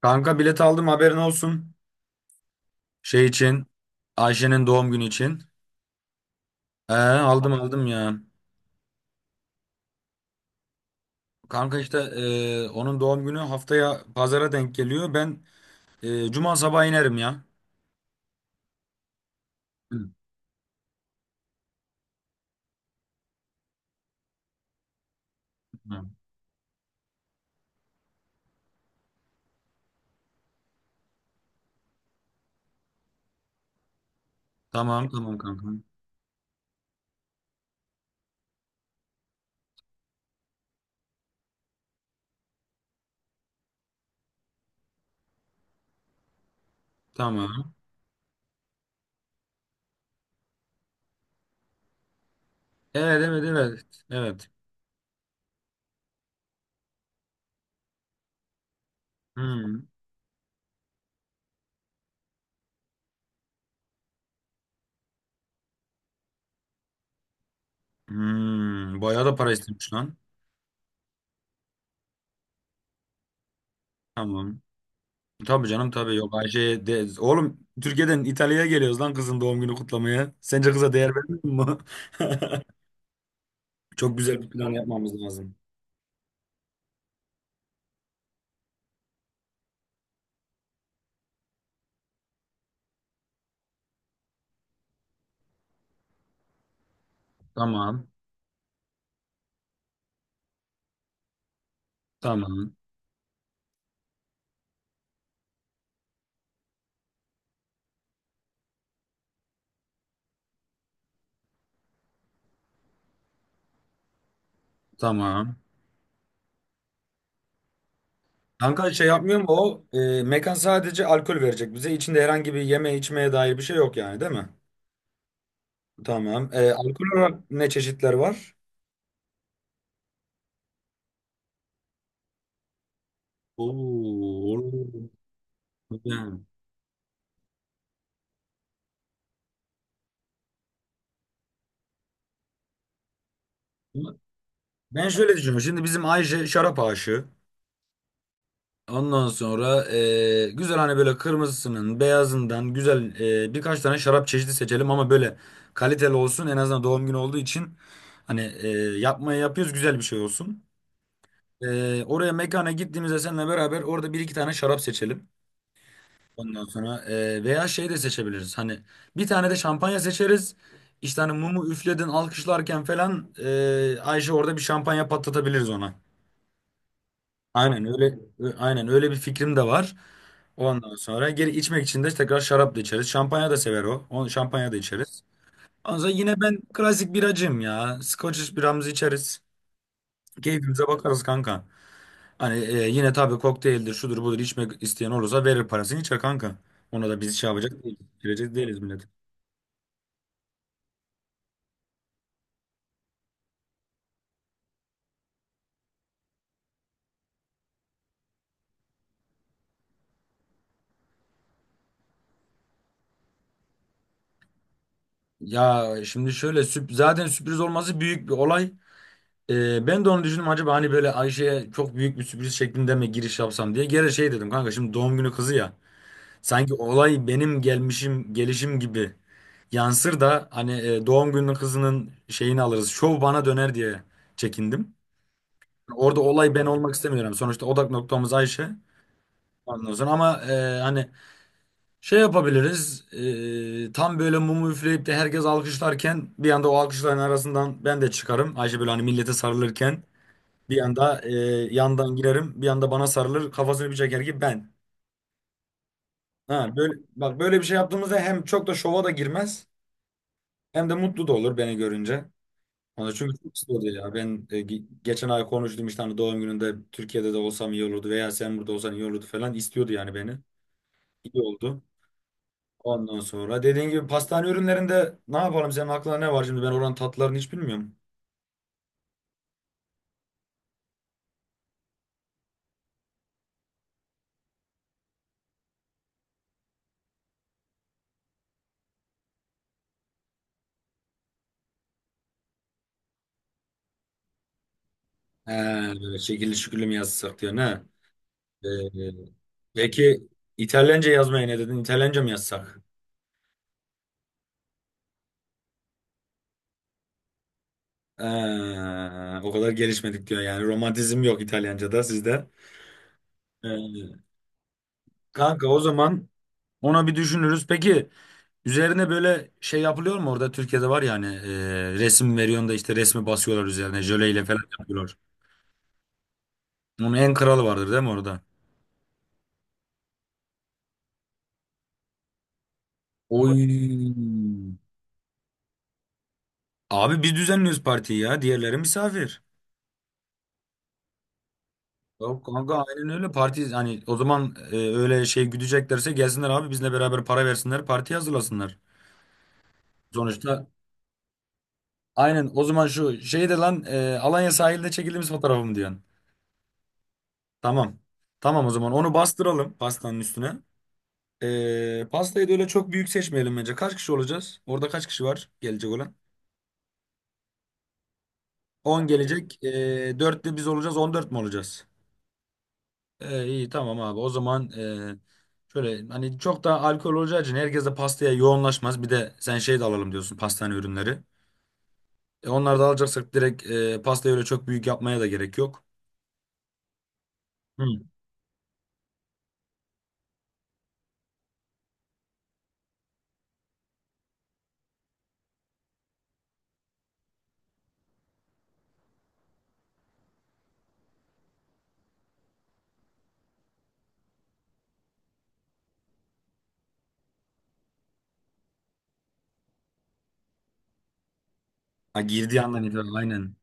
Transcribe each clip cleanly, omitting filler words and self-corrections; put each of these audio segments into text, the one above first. Kanka bilet aldım, haberin olsun. Şey için. Ayşe'nin doğum günü için. Aldım aldım ya. Kanka işte onun doğum günü haftaya pazara denk geliyor. Ben cuma sabahı inerim ya. Hı. Tamam tamam kanka. Tamam. Evet evet evet. Evet. Hmm. Hmm. Bayağı da para istemiş lan. Tamam. Tabii canım, tabii. Yok, Ayşe'ye de... Oğlum, Türkiye'den İtalya'ya geliyoruz lan, kızın doğum günü kutlamaya. Sence kıza değer vermiyor mu? Çok güzel bir plan yapmamız lazım. Tamam. Tamam. Tamam. Kanka şey yapmıyor mu o? Mekan sadece alkol verecek bize. İçinde herhangi bir yeme içmeye dair bir şey yok yani, değil mi? Tamam. E, alkol olarak ne çeşitler var? Oo. Oo. Güzel. Ben şöyle düşünüyorum. Şimdi bizim Ayşe şarap aşığı. Ondan sonra güzel, hani böyle kırmızısının beyazından güzel, birkaç tane şarap çeşidi seçelim ama böyle kaliteli olsun, en azından doğum günü olduğu için hani yapmaya yapıyoruz, güzel bir şey olsun. Oraya, mekana gittiğimizde seninle beraber orada bir iki tane şarap seçelim. Ondan sonra veya şey de seçebiliriz, hani bir tane de şampanya seçeriz. İşte hani mumu üfledin, alkışlarken falan, Ayşe orada bir şampanya patlatabiliriz ona. Aynen öyle, aynen öyle bir fikrim de var. Ondan sonra geri içmek için de tekrar şarap da içeriz. Şampanya da sever o. Onu şampanya da içeriz. Ondan sonra yine ben klasik biracıyım ya. Scotch biramızı içeriz. Keyfimize bakarız kanka. Hani yine tabii kokteyldir, şudur budur, içmek isteyen olursa verir parasını, içer kanka. Ona da biz şey yapacak değiliz. Girecek değiliz millet. Ya şimdi şöyle, zaten sürpriz olması büyük bir olay. Ben de onu düşündüm, acaba hani böyle Ayşe'ye çok büyük bir sürpriz şeklinde mi giriş yapsam diye. Gene şey dedim kanka, şimdi doğum günü kızı ya. Sanki olay benim gelmişim, gelişim gibi yansır da hani doğum günü kızının şeyini alırız, şov bana döner diye çekindim. Orada olay ben olmak istemiyorum. Sonuçta odak noktamız Ayşe. Ondan sonra ama hani şey yapabiliriz. Tam böyle mumu üfleyip de herkes alkışlarken bir anda o alkışların arasından ben de çıkarım. Ayşe böyle hani millete sarılırken. Bir anda yandan girerim, bir anda bana sarılır, kafasını bir çeker ki ben. Ha böyle, bak, böyle bir şey yaptığımızda hem çok da şova da girmez hem de mutlu da olur beni görünce. Hani çünkü çok istiyordu ya. Ben geçen ay konuştum işte, hani doğum gününde Türkiye'de de olsam iyi olurdu veya sen burada olsan iyi olurdu falan, istiyordu yani beni. İyi oldu. Ondan sonra dediğin gibi pastane ürünlerinde ne yapalım, senin aklına ne var şimdi? Ben oranın tatlılarını hiç bilmiyorum. He, böyle şekilli şükürlü mü yazsak diyor ne? Ee, peki, İtalyanca yazmaya ne dedin? İtalyanca mı yazsak? Ee, O kadar gelişmedik diyor yani. Romantizm yok İtalyanca'da sizde. Ee, Kanka o zaman ona bir düşünürüz. Peki üzerine böyle şey yapılıyor mu? Orada, Türkiye'de var yani, resim veriyorsun da işte resmi basıyorlar üzerine jöleyle falan yapıyorlar. Onun en kralı vardır değil mi orada? Oy. Abi biz düzenliyoruz partiyi ya. Diğerleri misafir. Yok kanka, aynen öyle. Parti hani o zaman, öyle şey güdeceklerse gelsinler abi bizle beraber, para versinler, parti hazırlasınlar. Sonuçta aynen. O zaman şu şeyde lan, Alanya sahilde çekildiğimiz fotoğrafım diyorsun. Tamam. Tamam, o zaman onu bastıralım pastanın üstüne. E, pastayı da öyle çok büyük seçmeyelim bence. Kaç kişi olacağız? Orada kaç kişi var gelecek olan? On gelecek. E, 4 de biz olacağız, 14 mi olacağız? E, iyi, tamam abi. O zaman şöyle, hani çok da alkol olacağı için herkes de pastaya yoğunlaşmaz. Bir de sen şey de alalım diyorsun, pastane ürünleri. E, onları da alacaksak direkt pastayı öyle çok büyük yapmaya da gerek yok. Hı. Ha, girdiği andan itibaren aynen.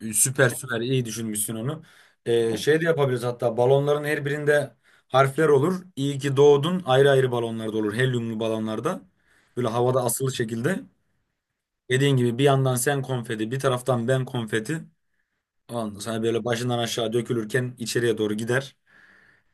E, süper, süper iyi düşünmüşsün onu. E, şey de yapabiliriz, hatta balonların her birinde harfler olur. İyi ki doğdun, ayrı ayrı balonlarda olur. Helyumlu balonlarda. Böyle havada asılı şekilde. Dediğin gibi bir yandan sen konfeti, bir taraftan ben konfeti. Ondan sonra hani böyle başından aşağı dökülürken içeriye doğru gider.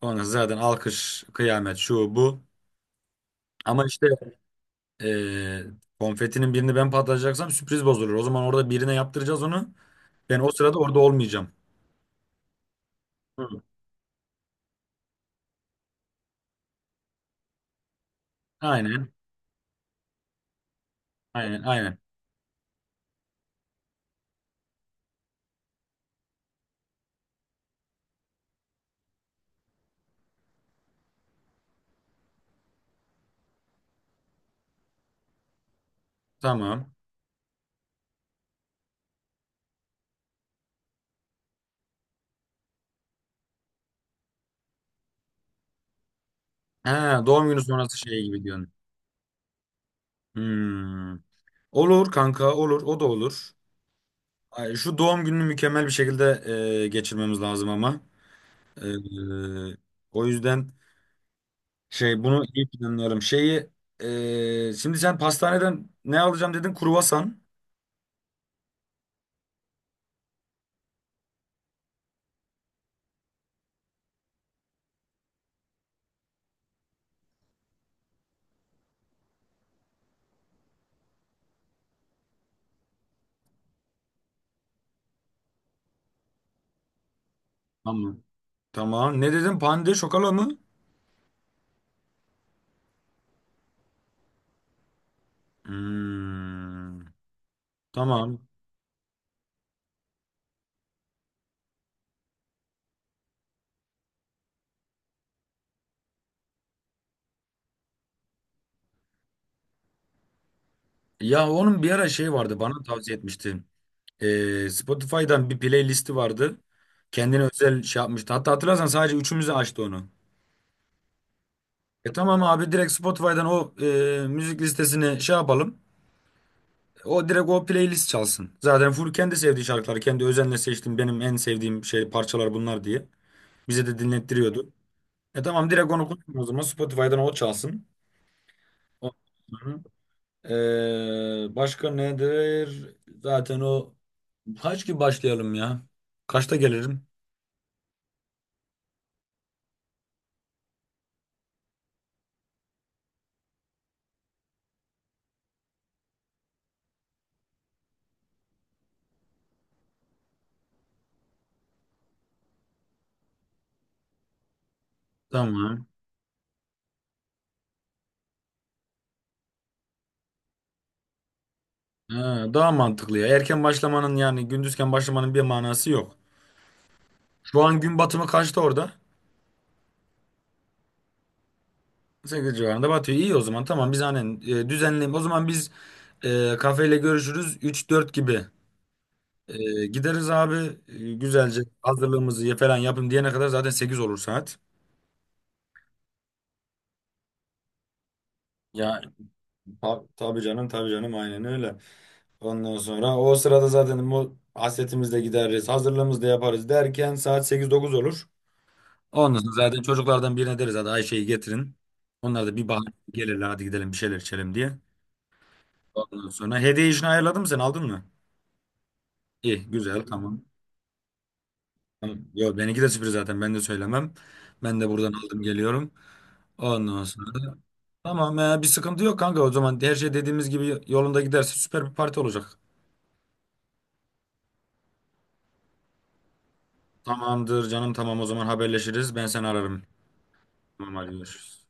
Ondan sonra zaten alkış, kıyamet, şu bu. Ama işte eee, konfetinin birini ben patlatacaksam sürpriz bozulur. O zaman orada birine yaptıracağız onu. Ben o sırada orada olmayacağım. Hı. Aynen, aynen, aynen. Tamam. Ha, doğum günü sonrası şey gibi diyorsun. Hmm. Olur kanka, olur. O da olur. Ay, şu doğum gününü mükemmel bir şekilde geçirmemiz lazım ama. Eee, O yüzden... Şey, bunu iyi planlayalım. Şeyi Şimdi sen pastaneden ne alacağım dedin? Kruvasan. Tamam. Tamam. Ne dedin? Pande şokala mı? Hmm, tamam. Ya onun bir ara şey vardı, bana tavsiye etmişti. Spotify'dan bir playlisti vardı. Kendine özel şey yapmıştı. Hatta hatırlarsan sadece üçümüzü açtı onu. E tamam abi, direkt Spotify'dan o müzik listesini şey yapalım. O direkt, o playlist çalsın. Zaten full kendi sevdiği şarkılar. Kendi özenle seçtim, benim en sevdiğim şey parçalar bunlar diye. Bize de dinlettiriyordu. E tamam, direkt onu koyalım o zaman. Spotify'dan o çalsın. O- Hı. Başka nedir? Zaten o kaç gibi başlayalım ya? Kaçta gelirim? Tamam. Ha, daha mantıklı ya. Erken başlamanın, yani gündüzken başlamanın bir manası yok. Şu an gün batımı kaçta orada? 8 civarında batıyor. İyi, o zaman tamam, biz aynen düzenleyelim. O zaman biz kafeyle görüşürüz 3-4 gibi. E, gideriz abi. E, güzelce hazırlığımızı falan yapın diyene kadar zaten 8 olur saat. Ya tabii canım, tabii canım, aynen öyle. Ondan sonra o sırada zaten bu hasretimizi de gideriz, hazırlığımızı da yaparız derken saat 8-9 olur. Ondan sonra zaten çocuklardan birine deriz, hadi Ayşe'yi getirin. Onlar da bir bahane gelirler, hadi gidelim bir şeyler içelim diye. Ondan sonra hediye işini ayarladın mı, sen aldın mı? İyi, güzel, tamam. Tamam. Yo, benimki de sürpriz zaten. Ben de söylemem. Ben de buradan aldım, geliyorum. Ondan sonra da- tamam ya, bir sıkıntı yok kanka. O zaman her şey dediğimiz gibi yolunda giderse süper bir parti olacak. Tamamdır canım, tamam o zaman haberleşiriz. Ben seni ararım. Tamam, hadi görüşürüz.